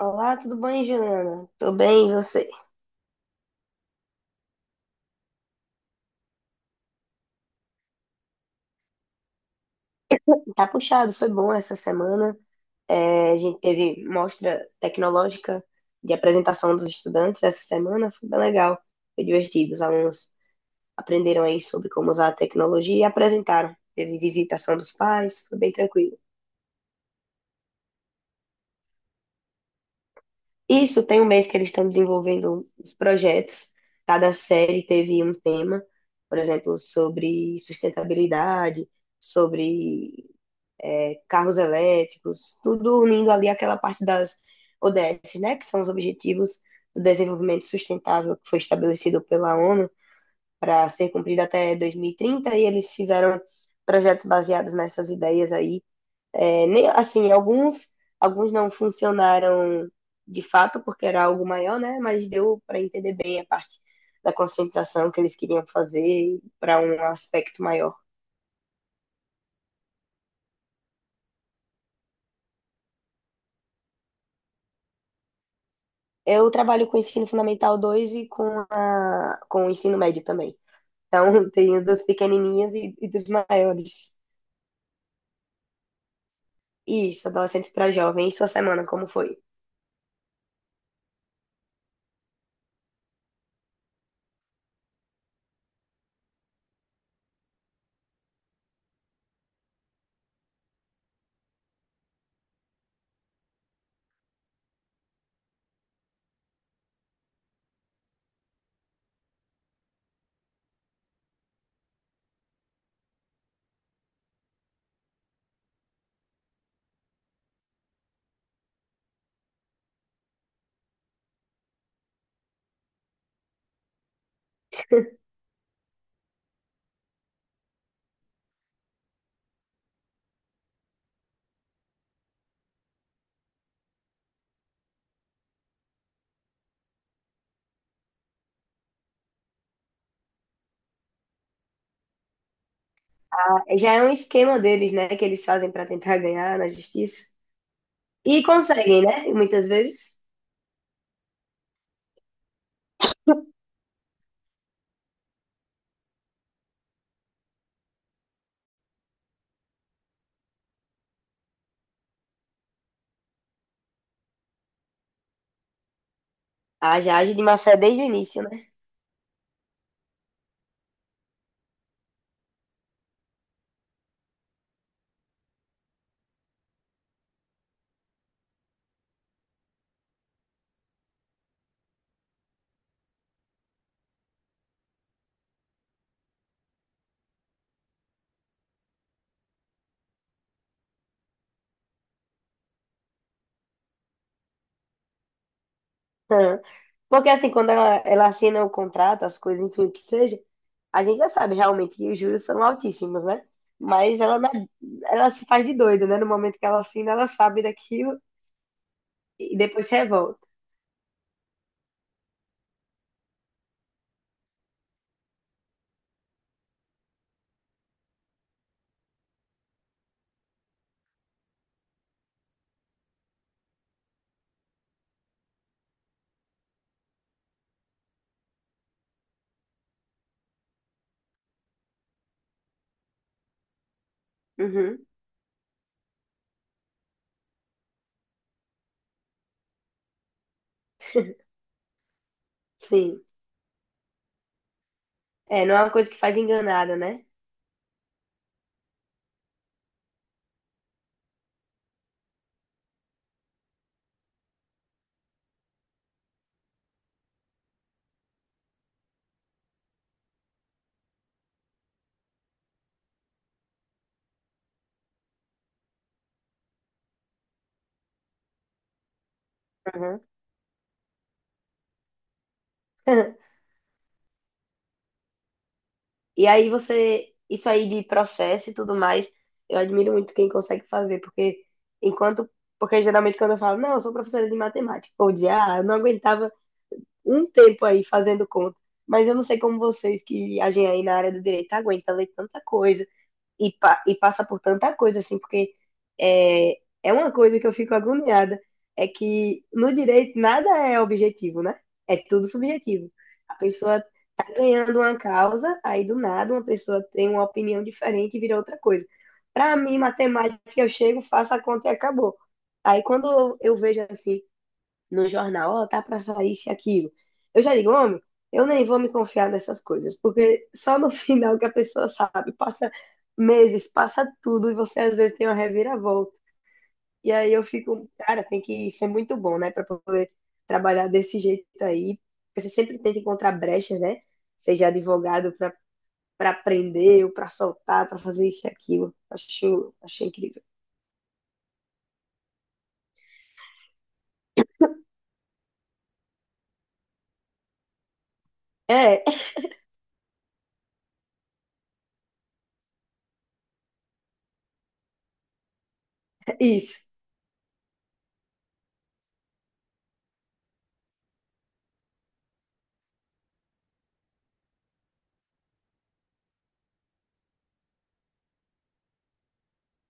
Olá, tudo bem, Juliana? Tô bem, e você? Tá puxado, foi bom essa semana. É, a gente teve mostra tecnológica de apresentação dos estudantes essa semana, foi bem legal, foi divertido. Os alunos aprenderam aí sobre como usar a tecnologia e apresentaram. Teve visitação dos pais, foi bem tranquilo. Isso, tem um mês que eles estão desenvolvendo os projetos. Cada série teve um tema, por exemplo, sobre sustentabilidade, sobre carros elétricos, tudo unindo ali aquela parte das ODS, né, que são os Objetivos do Desenvolvimento Sustentável que foi estabelecido pela ONU para ser cumprido até 2030 e eles fizeram projetos baseados nessas ideias aí. É, nem, assim, alguns não funcionaram de fato, porque era algo maior, né, mas deu para entender bem a parte da conscientização que eles queriam fazer para um aspecto maior. Eu trabalho com o ensino fundamental 2 e com o ensino médio também. Então, tem dos pequenininhos e dos maiores. Isso, adolescentes para jovens, sua semana como foi? Já é um esquema deles, né, que eles fazem para tentar ganhar na justiça. E conseguem, né? Muitas vezes. A já age de má fé desde o início, né? Porque assim, quando ela assina o contrato, as coisas, enfim, o que seja, a gente já sabe realmente que os juros são altíssimos, né? Mas ela, é, ela se faz de doida, né? No momento que ela assina, ela sabe daquilo e depois se revolta. Uhum. Sim. É, não é uma coisa que faz enganada, né? Aham. E aí você, isso aí de processo e tudo mais, eu admiro muito quem consegue fazer, porque enquanto, porque geralmente quando eu falo, não, eu sou professora de matemática, ou de, ah, eu não aguentava um tempo aí fazendo conta, mas eu não sei como vocês que agem aí na área do direito aguentam ler tanta coisa, e, e passa por tanta coisa, assim, porque é, é uma coisa que eu fico agoniada, é que no direito nada é objetivo, né? É tudo subjetivo. A pessoa tá ganhando uma causa, aí do nada uma pessoa tem uma opinião diferente e vira outra coisa. Para mim, matemática, eu chego, faço a conta e acabou. Aí quando eu vejo assim no jornal, ó, tá pra sair isso e aquilo. Eu já digo, homem, eu nem vou me confiar nessas coisas, porque só no final que a pessoa sabe, passa meses, passa tudo, e você às vezes tem uma reviravolta. E aí eu fico, cara, tem que ser muito bom, né, pra poder trabalhar desse jeito aí. Porque você sempre tenta encontrar brechas, né? Seja advogado pra para prender ou para soltar, para fazer isso e aquilo. Acho, acho incrível. É, é isso.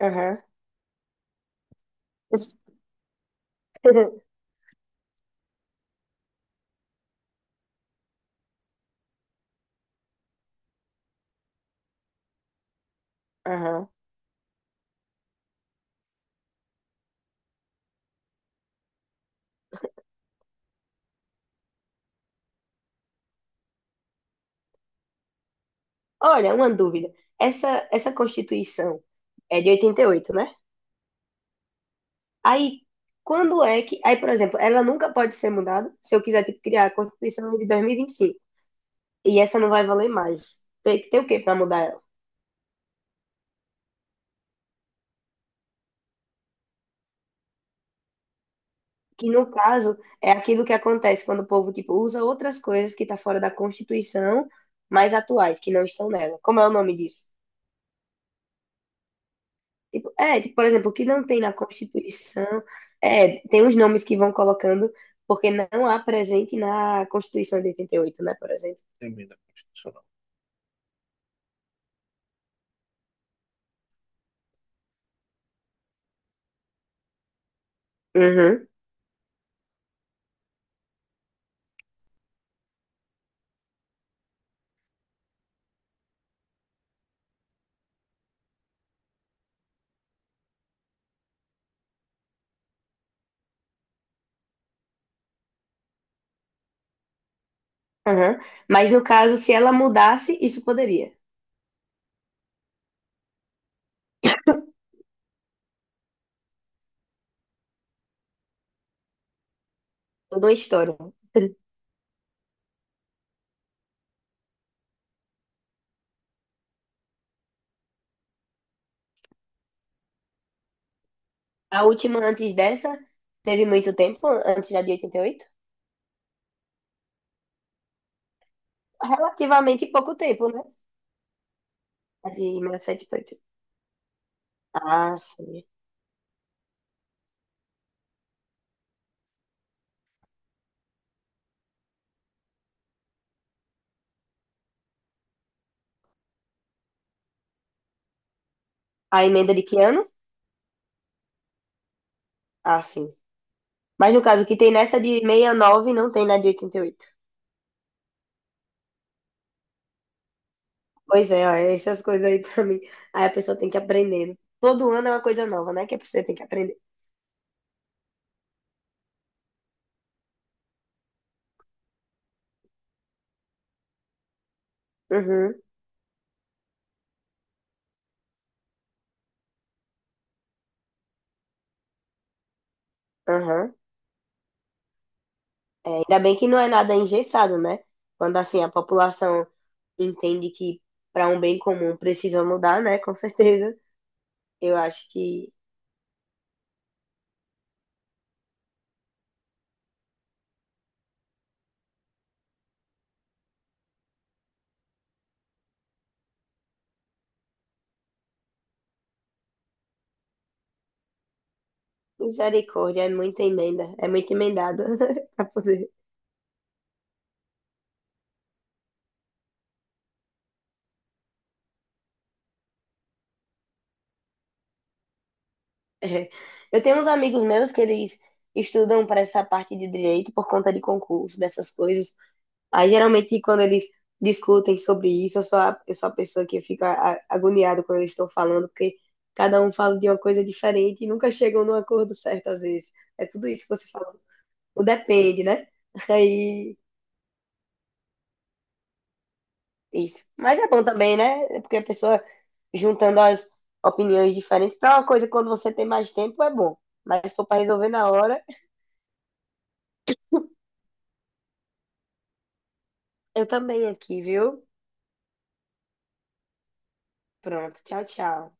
Aham. Aham. Olha, uma dúvida. Essa Constituição é de 88, né? Aí, quando é que. Aí, por exemplo, ela nunca pode ser mudada, se eu quiser tipo, criar a Constituição de 2025. E vinte e cinco. E essa não vai valer mais. Tem que ter o quê para mudar ela? Que, no caso, é aquilo que acontece quando o povo tipo, usa outras coisas que tá fora da Constituição, mas atuais, que não estão nela. Como é o nome disso? Tipo, é, tipo, por exemplo, o que não tem na Constituição, é, tem os nomes que vão colocando, porque não há presente na Constituição de 88, né, por exemplo. Uhum, uhum. Mas no caso, se ela mudasse, isso poderia. Toda uma história. A última antes dessa, teve muito tempo, antes da de 88? Relativamente pouco tempo, né? A de 1988. Ah, sim. A emenda de que ano? Ah, sim. Mas no caso, o que tem nessa de 69 não tem na de 88. Pois é, ó, essas coisas aí pra mim. Aí a pessoa tem que aprender. Todo ano é uma coisa nova, né? Que você tem que aprender. Uhum, aham. É, ainda bem que não é nada engessado, né? Quando assim a população entende que para um bem comum precisa mudar, né? Com certeza. Eu acho que misericórdia é muita emenda, é muito emendada para poder. É. Eu tenho uns amigos meus que eles estudam para essa parte de direito por conta de concurso, dessas coisas. Aí, geralmente, quando eles discutem sobre isso, eu sou a pessoa que fica agoniada quando eles estão falando, porque cada um fala de uma coisa diferente e nunca chegam num acordo certo, às vezes. É tudo isso que você fala. O depende, né? Aí, isso. Mas é bom também, né? É porque a pessoa juntando as opiniões diferentes para uma coisa, quando você tem mais tempo, é bom. Mas se for para resolver na hora, eu também aqui, viu? Pronto, tchau, tchau.